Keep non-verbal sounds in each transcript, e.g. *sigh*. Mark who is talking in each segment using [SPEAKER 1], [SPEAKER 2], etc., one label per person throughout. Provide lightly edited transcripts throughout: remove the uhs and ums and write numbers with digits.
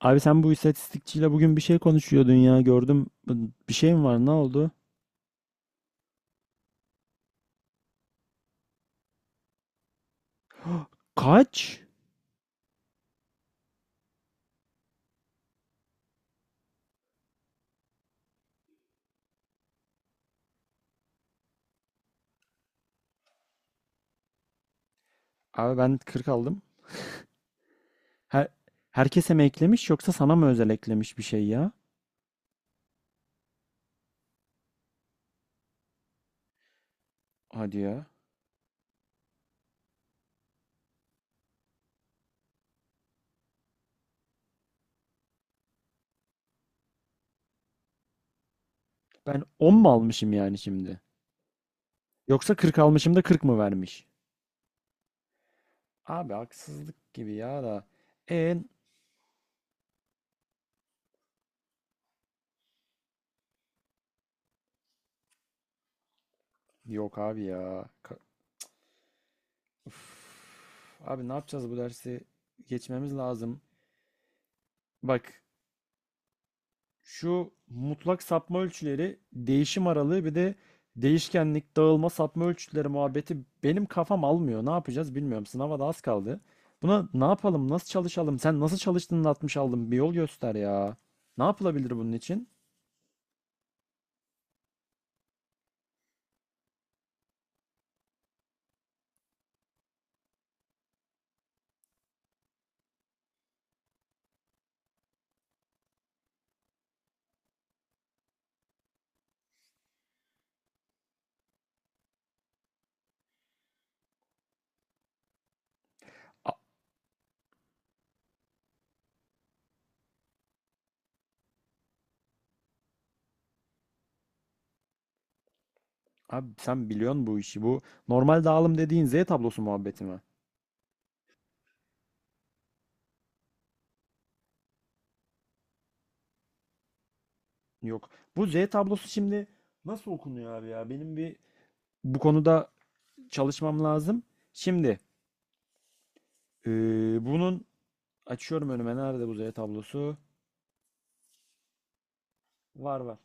[SPEAKER 1] Abi sen bu istatistikçiyle bugün bir şey konuşuyordun ya gördüm. Bir şey mi var? Ne oldu? Kaç? Abi ben 40 aldım. Her, herkese mi eklemiş yoksa sana mı özel eklemiş bir şey ya? Hadi ya. Ben 10 mu almışım yani şimdi? Yoksa 40 almışım da 40 mı vermiş? Abi haksızlık gibi ya da. En Yok abi ya. Uf. Abi ne yapacağız bu dersi? Geçmemiz lazım. Bak, şu mutlak sapma ölçüleri, değişim aralığı bir de değişkenlik, dağılma, sapma ölçütleri muhabbeti benim kafam almıyor. Ne yapacağız bilmiyorum. Sınava da az kaldı. Buna ne yapalım, nasıl çalışalım? Sen nasıl çalıştığını atmış aldın. Bir yol göster ya. Ne yapılabilir bunun için? A- Abi sen biliyorsun bu işi. Bu normal dağılım dediğin Z tablosu muhabbeti mi? Yok. Bu Z tablosu şimdi nasıl okunuyor abi ya? Benim bir bu konuda çalışmam lazım. Şimdi eee, bunun açıyorum önüme. Nerede bu Z tablosu? Var, var.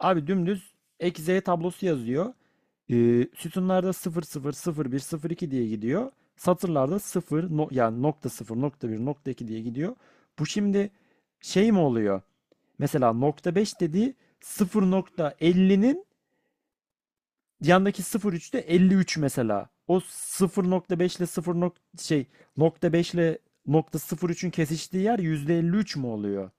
[SPEAKER 1] Abi dümdüz ek Z tablosu yazıyor. Sütunlarda sıfır sıfır, sıfır bir, sıfır iki diye gidiyor. Satırlarda sıfır yani nokta sıfır, nokta bir, nokta 2 diye gidiyor. Bu şimdi şey mi oluyor? Mesela nokta 5 dediği 0.50'nin yandaki sıfır nokta üçte 53 mesela. O 0.5 ile sıfır şey nokta 5 ile nokta sıfır üçün kesiştiği yer %53 mü oluyor?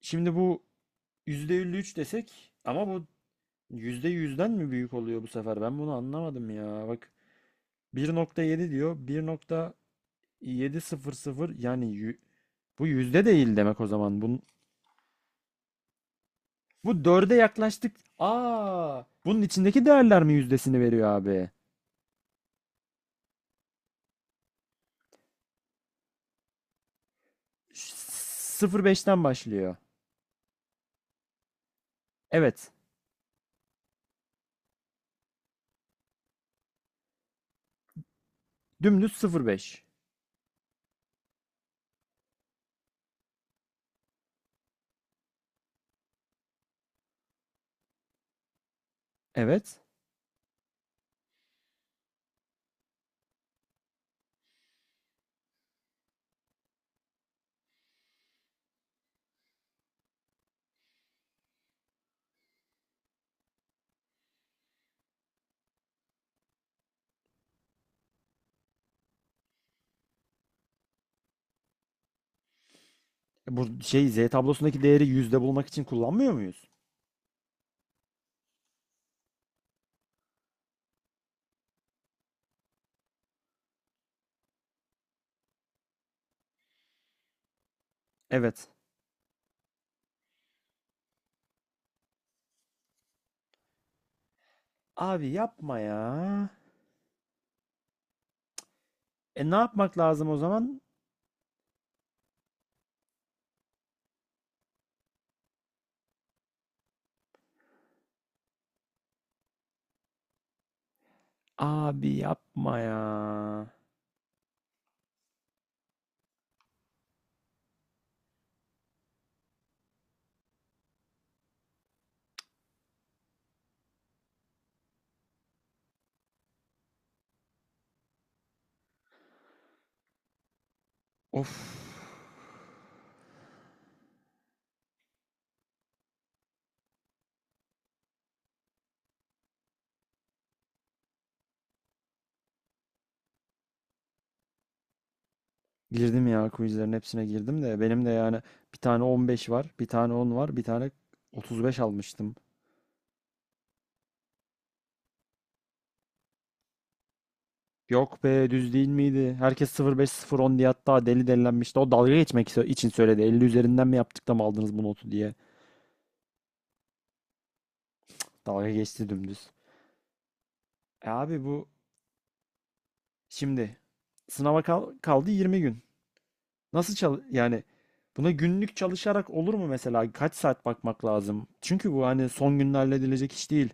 [SPEAKER 1] Şimdi bu %53 desek ama bu %100'den mi büyük oluyor bu sefer? Ben bunu anlamadım ya. Bak, 1.7 diyor. 1.700 yani bu yüzde değil demek o zaman. Bu dörde yaklaştık. Aa, bunun içindeki değerler mi yüzdesini veriyor abi? Beşten başlıyor. Evet. Dümdüz sıfır virgül beş. Evet. E, bu şey Z tablosundaki değeri yüzde bulmak için kullanmıyor muyuz? Evet. Abi yapma ya. E, ne yapmak lazım o zaman? Abi yapma ya. Of. Girdim ya, quizlerin hepsine girdim de benim de yani bir tane 15 var, bir tane 10 var, bir tane 35 almıştım. Yok be, düz değil miydi? Herkes 05 010 diye hatta deli delilenmişti. O dalga geçmek için söyledi. 50 üzerinden mi yaptık da mı aldınız bu notu diye. Dalga geçti dümdüz. E, abi bu şimdi sınava kaldı 20 gün. Nasıl yani buna günlük çalışarak olur mu mesela? Kaç saat bakmak lazım? Çünkü bu hani son günde halledilecek iş değil.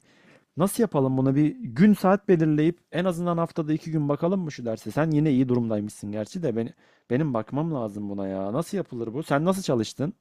[SPEAKER 1] Nasıl yapalım, buna bir gün saat belirleyip en azından haftada 2 gün bakalım mı şu derse? Sen yine iyi durumdaymışsın gerçi de benim bakmam lazım buna ya. Nasıl yapılır bu? Sen nasıl çalıştın?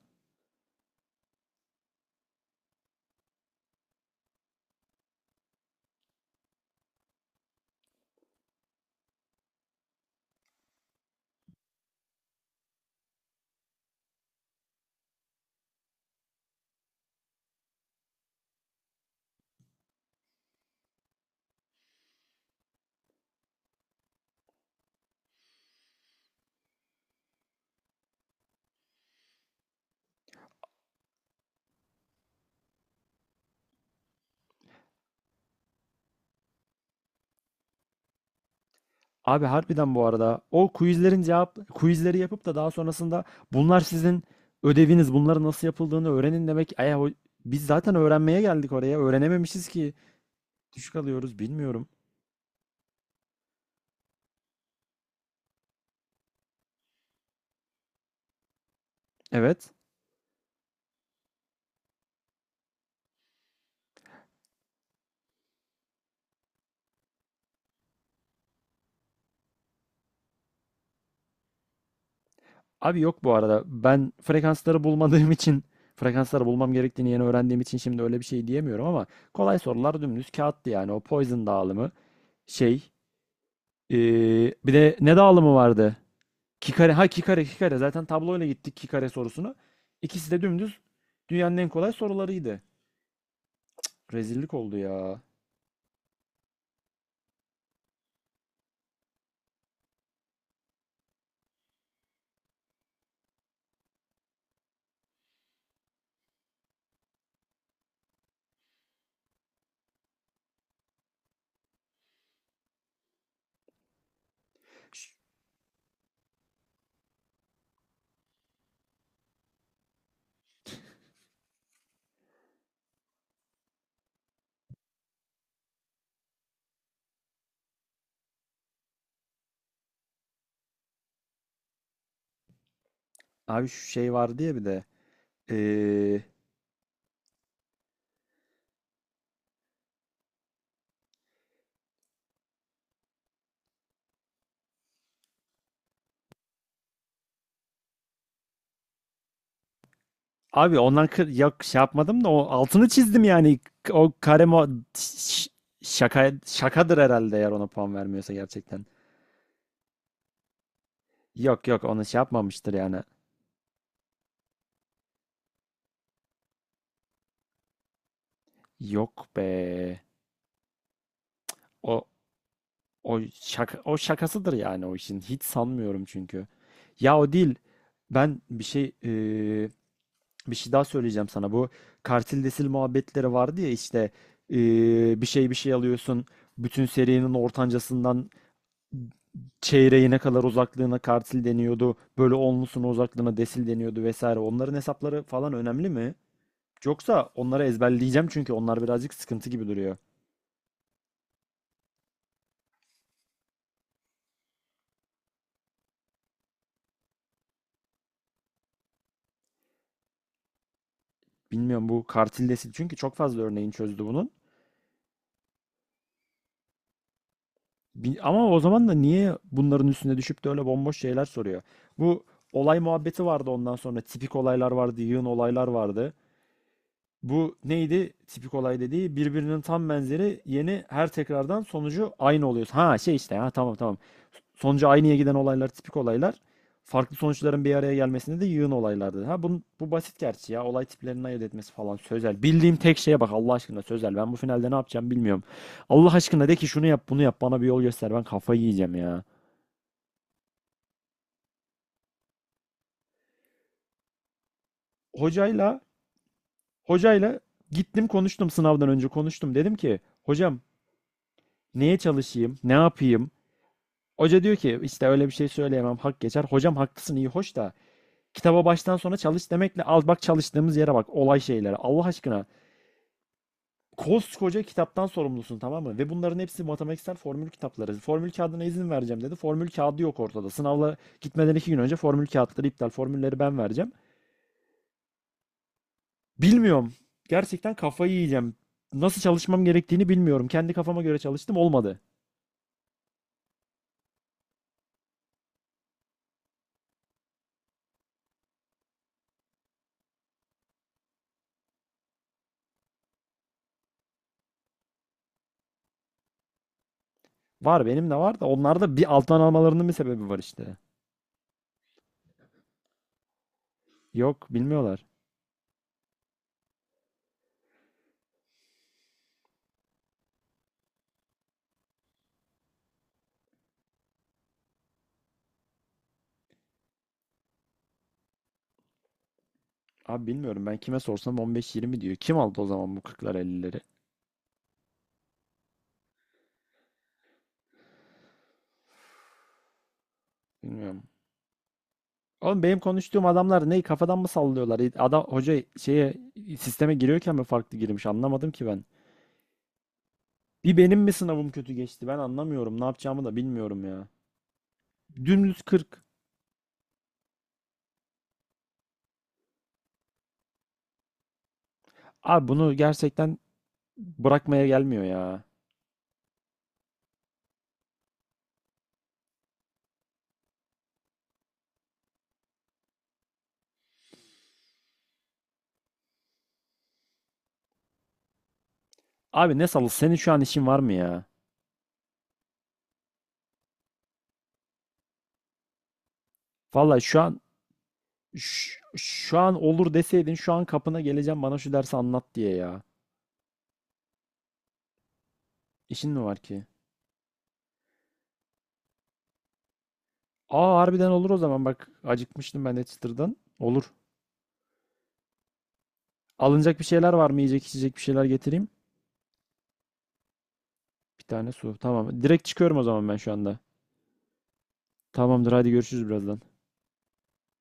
[SPEAKER 1] Abi harbiden bu arada o quizlerin cevap quizleri yapıp da daha sonrasında bunlar sizin ödeviniz, bunları nasıl yapıldığını öğrenin demek. Ay, biz zaten öğrenmeye geldik oraya, öğrenememişiz ki düşük alıyoruz, bilmiyorum. Evet. Abi yok bu arada. Ben frekansları bulmadığım *laughs* için, frekansları bulmam gerektiğini yeni öğrendiğim için şimdi öyle bir şey diyemiyorum ama kolay sorular dümdüz kağıttı yani. O Poison dağılımı şey. ee, Bir de ne dağılımı vardı? Kikare. Ha, Kikare, Kikare. Zaten tabloyla gittik Kikare sorusunu. İkisi de dümdüz dünyanın en kolay sorularıydı. Rezillik oldu ya. Abi şu şey vardı ya bir de. ee, Abi ondan yok, şey yapmadım da o altını çizdim yani. O kare şaka şakadır herhalde eğer ona puan vermiyorsa gerçekten. Yok, yok, onu şey yapmamıştır yani. Yok be. O o şaka, o şakasıdır yani o işin. Hiç sanmıyorum çünkü. Ya o değil. Ben bir şey daha söyleyeceğim sana. Bu kartil desil muhabbetleri vardı ya işte bir şey alıyorsun. Bütün serinin ortancasından çeyreğine kadar uzaklığına kartil deniyordu. Böyle onlusuna uzaklığına desil deniyordu vesaire. Onların hesapları falan önemli mi? Yoksa onları ezberleyeceğim çünkü onlar birazcık sıkıntı gibi duruyor. Bilmiyorum bu kartil desil, çünkü çok fazla örneğin çözdü bunun. Ama o zaman da niye bunların üstüne düşüp de öyle bomboş şeyler soruyor? Bu olay muhabbeti vardı ondan sonra. Tipik olaylar vardı, yığın olaylar vardı. Bu neydi, tipik olay dediği birbirinin tam benzeri, yeni her tekrardan sonucu aynı oluyor. Ha şey, işte, ha, tamam, tamam. Sonucu aynıya giden olaylar tipik olaylar. Farklı sonuçların bir araya gelmesinde de yığın olaylardı. Ha bu basit gerçi ya. Olay tiplerini ayırt etmesi falan. Sözel. Bildiğim tek şeye bak Allah aşkına, sözel. Ben bu finalde ne yapacağım bilmiyorum. Allah aşkına, de ki şunu yap, bunu yap, bana bir yol göster. Ben kafayı yiyeceğim ya. Hocayla hocayla gittim konuştum, sınavdan önce konuştum. Dedim ki hocam, neye çalışayım, ne yapayım? Hoca diyor ki işte öyle bir şey söyleyemem, hak geçer. Hocam haklısın, iyi hoş da kitaba baştan sona çalış demekle, al bak çalıştığımız yere, bak olay şeylere Allah aşkına. Koskoca kitaptan sorumlusun, tamam mı? Ve bunların hepsi matematiksel formül kitapları. Formül kağıdına izin vereceğim dedi. Formül kağıdı yok ortada. Sınavla gitmeden 2 gün önce formül kağıtları iptal. Formülleri ben vereceğim. Bilmiyorum. Gerçekten kafayı yiyeceğim. Nasıl çalışmam gerektiğini bilmiyorum. Kendi kafama göre çalıştım, olmadı. Var, benim de var da onlarda bir alttan almalarının bir sebebi var işte. Yok, bilmiyorlar. Abi bilmiyorum, ben kime sorsam 15-20 diyor. Kim aldı o zaman bu 40'lar ellileri. Bilmiyorum. Oğlum benim konuştuğum adamlar ne kafadan mı sallıyorlar? Adam hoca şeye, sisteme giriyorken mi farklı girmiş anlamadım ki ben. Bir benim mi sınavım kötü geçti, ben anlamıyorum. Ne yapacağımı da bilmiyorum ya. Dümdüz 40. Abi bunu gerçekten bırakmaya gelmiyor ya. Abi ne salı, senin şu an işin var mı ya? Vallahi şu an, şu an olur deseydin şu an kapına geleceğim bana şu dersi anlat diye ya. İşin mi var ki? Aa, harbiden olur o zaman, bak acıkmıştım ben de çıtırdan. Olur. Alınacak bir şeyler var mı? Yiyecek içecek bir şeyler getireyim. Bir tane su. Tamam. Direkt çıkıyorum o zaman ben şu anda. Tamamdır, hadi görüşürüz birazdan.